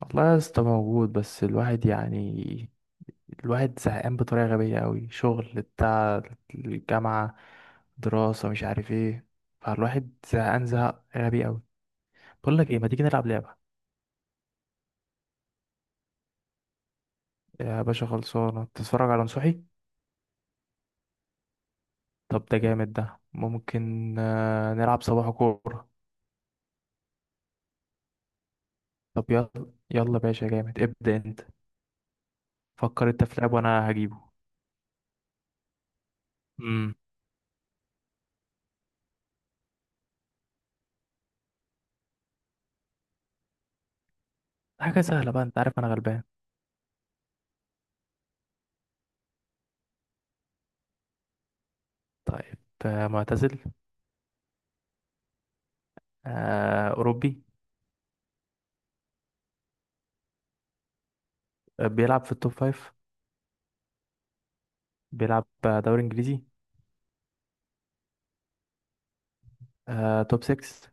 والله يا اسطى موجود، بس الواحد يعني الواحد زهقان بطريقة غبية أوي، شغل بتاع الجامعة، دراسة، مش عارف ايه. فالواحد زهقان زهق غبي أوي. بقول لك ايه، ما تيجي نلعب لعبة؟ يا باشا خلصانة، تتفرج على نصوحي. طب ده جامد ده، ممكن نلعب صباح كورة. طب يلا. يلا باشا جامد، ابدأ انت. فكر انت في لعب وانا هجيبه. امم حاجة سهلة بقى، انت عارف انا غلبان. طيب. معتزل؟ أوروبي؟ بيلعب في التوب فايف. بيلعب دوري انجليزي. توب 6.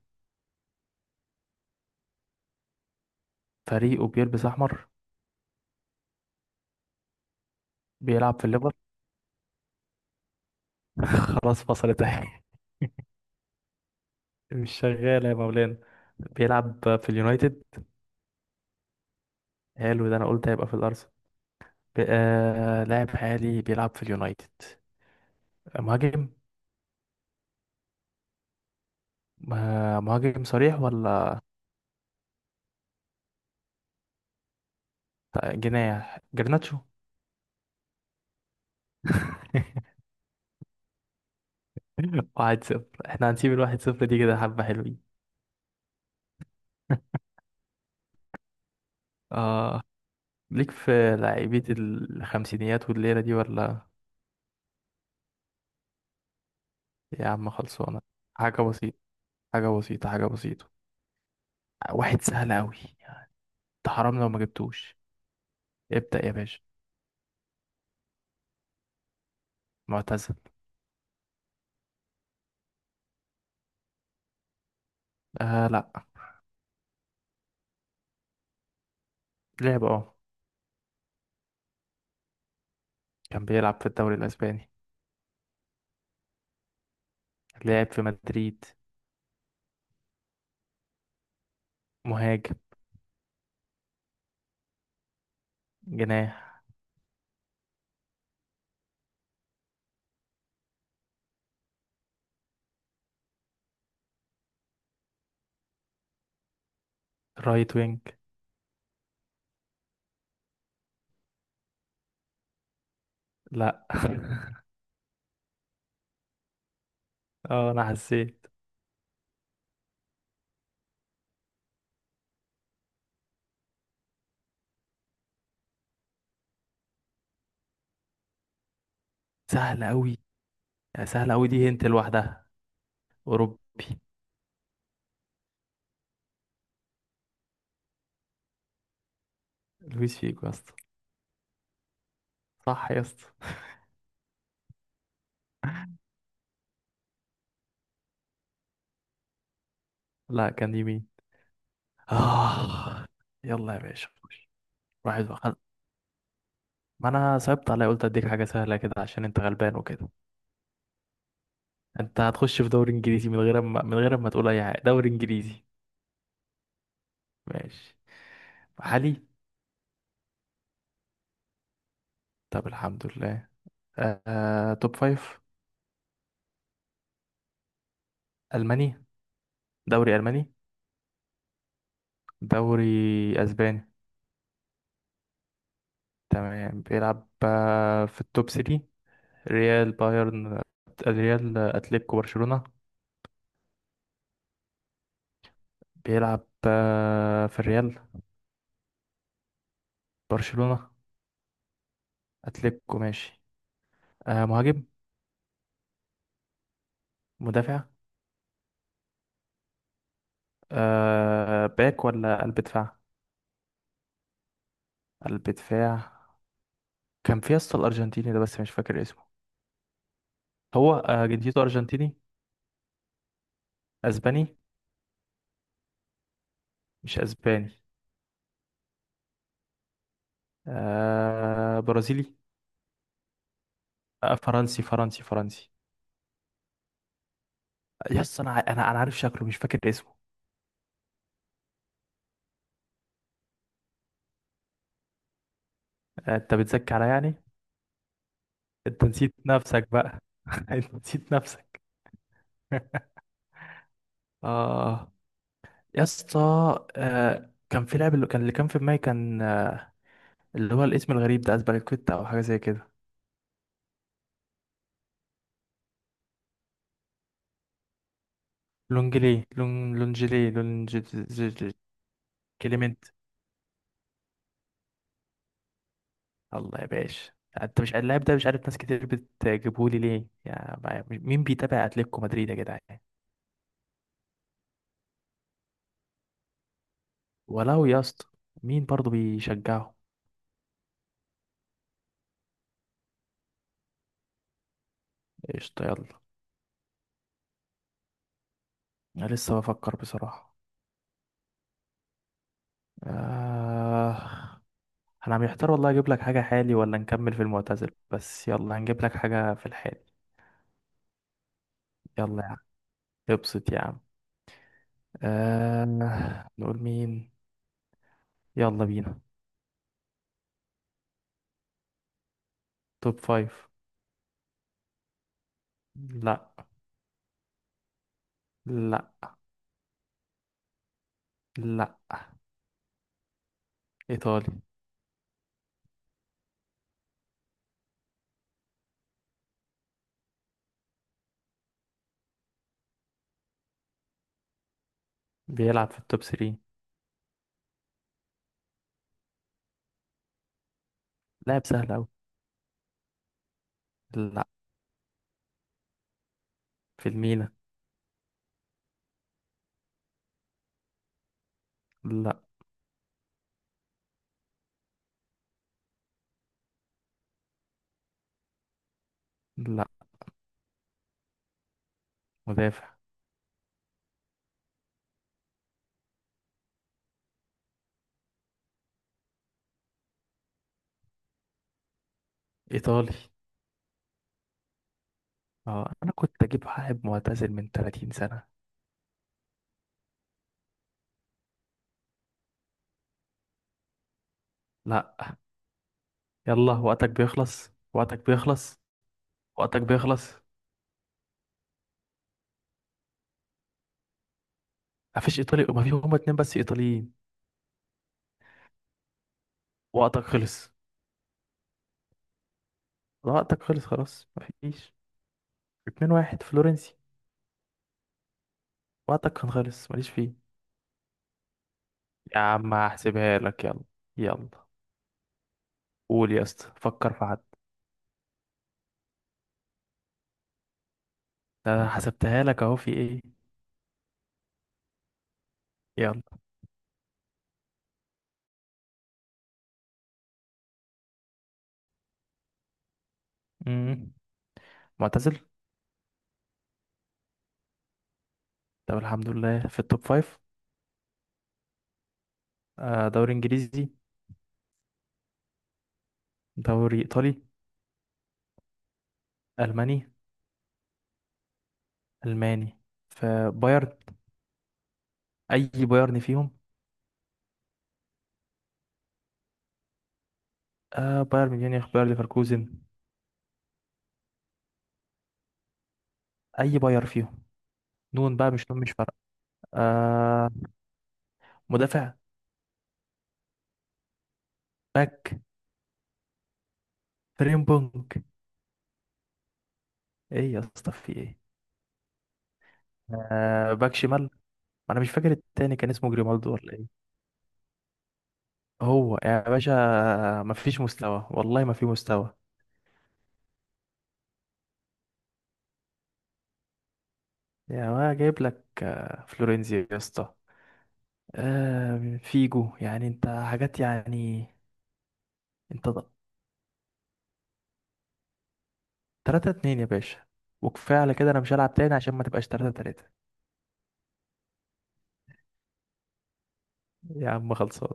فريقه بيلبس احمر. بيلعب في الليفر. خلاص فصلت اهي. مش شغالة يا مولانا. بيلعب في اليونايتد. حلو ده، انا قلت هيبقى في الارسنال. لاعب حالي بيلعب في اليونايتد. مهاجم. مهاجم صريح ولا جناح؟ جرناتشو. 1-0. احنا هنسيب الـ1-0 دي كده، حبة حلوين. اه. ليك في لعيبة الخمسينيات والليلة دي ولا؟ يا عم خلصانة. حاجة بسيطة، حاجة بسيطة، حاجة بسيطة. واحد سهل أوي. انت حرام لو ما جبتوش. ابدأ يا باشا. معتزل. آه لأ. لعب اه. كان بيلعب في الدوري الأسباني. لعب في مدريد. مهاجم. جناح. رايت وينج. لأ. اه أنا حسيت. سهل أوي. سهل أوي دي هنت لوحدها. أوروبي. لويس فيجو يا اسطى. صح يا اسطى. لأ كان يمين. آه. يلا يا باشا خش. 1-1. ما أنا صعبت عليا، قلت أديك حاجة سهلة كده عشان أنت غلبان وكده. انت هتخش في دوري انجليزي من غير ما تقول اي حاجه. دوري انجليزي؟ ماشي. محلي. طب الحمد لله. توب فايف. الماني. دوري الماني. دوري اسباني. تمام. بيلعب في التوب 3 ريال، بايرن، الريال اتلتيكو برشلونة. بيلعب في الريال؟ برشلونة؟ اتلتيكو. ماشي. مهاجم؟ مدافع. باك ولا قلب دفاع؟ قلب دفاع. كان في يا اسطى الارجنتيني ده، بس مش فاكر اسمه. هو جنسيته أرجنتيني؟ أسباني؟ مش أسباني. آه برازيلي. آه فرنسي فرنسي فرنسي. يس، أنا أنا عارف شكله مش فاكر اسمه. آه أنت بتزكي عليا يعني. أنت نسيت نفسك بقى. أنت نسيت نفسك. آه. يا اسطى. آه كان في لاعب، اللي كان في دماغي، كان اللي هو الاسم الغريب ده، أسباليكويتا أو حاجة زي كده. لونجلي لون لونجلي لونج كليمنت. الله يا باشا. انت مش اللاعب ده مش عارف، ناس كتير بتجيبهولي ليه، يا مين بيتابع اتلتيكو مدريد يا جدعان. ولو يا اسطى. مين برضه بيشجعه. قشطة يلا. انا لسه بفكر بصراحة. آه... انا محتار والله، اجيب لك حاجة حالي ولا نكمل في المعتزل؟ بس يلا، هنجيب لك حاجة في الحالي. يلا يا عم. ابسط يا عم. نقول مين. يلا بينا. توب فايف. لا. لا. لا. ايطالي. بيلعب في التوب 3. لاعب سهل اوي. لا. في الميلان. لا. لا. مدافع. ايطالي. اه انا كنت اجيب واحد معتزل من 30 سنة. لا. يلا وقتك بيخلص، وقتك بيخلص، وقتك بيخلص. مفيش ايطالي، ما في هما اتنين بس ايطاليين. وقتك خلص. وقتك خلص خلاص مفيش. اتنين، واحد فلورنسي. وقتك كان خلص، ماليش فيه. يا عم هحسبها لك، يلا. يلا. قول يا اسطى، فكر في حد. ده أنا حسبتها لك اهو، في ايه. يلا. مم. معتزل. طب الحمد لله. في التوب فايف. دوري انجليزي؟ دوري ايطالي؟ الماني. الماني. فبايرن. اي بايرن فيهم؟ آه بايرن ميونخ، بايرن ليفركوزن. اي بايرن فيهم؟ نون بقى مش نون، مش فارقه. آه. مدافع. باك. فريمبونج. ايه يا اسطى، في ايه؟ آه باك شمال. ما انا مش فاكر التاني كان اسمه جريمالدو ولا ايه. هو يا باشا. ما فيش مستوى والله ما في مستوى. يا ما جايب لك فلورينزي يا اسطى. آه فيجو، يعني انت حاجات يعني. انت 3-2 يا باشا. وكفايه على كده، انا مش هلعب تاني عشان ما تبقاش 3-3. يا عم خلصان.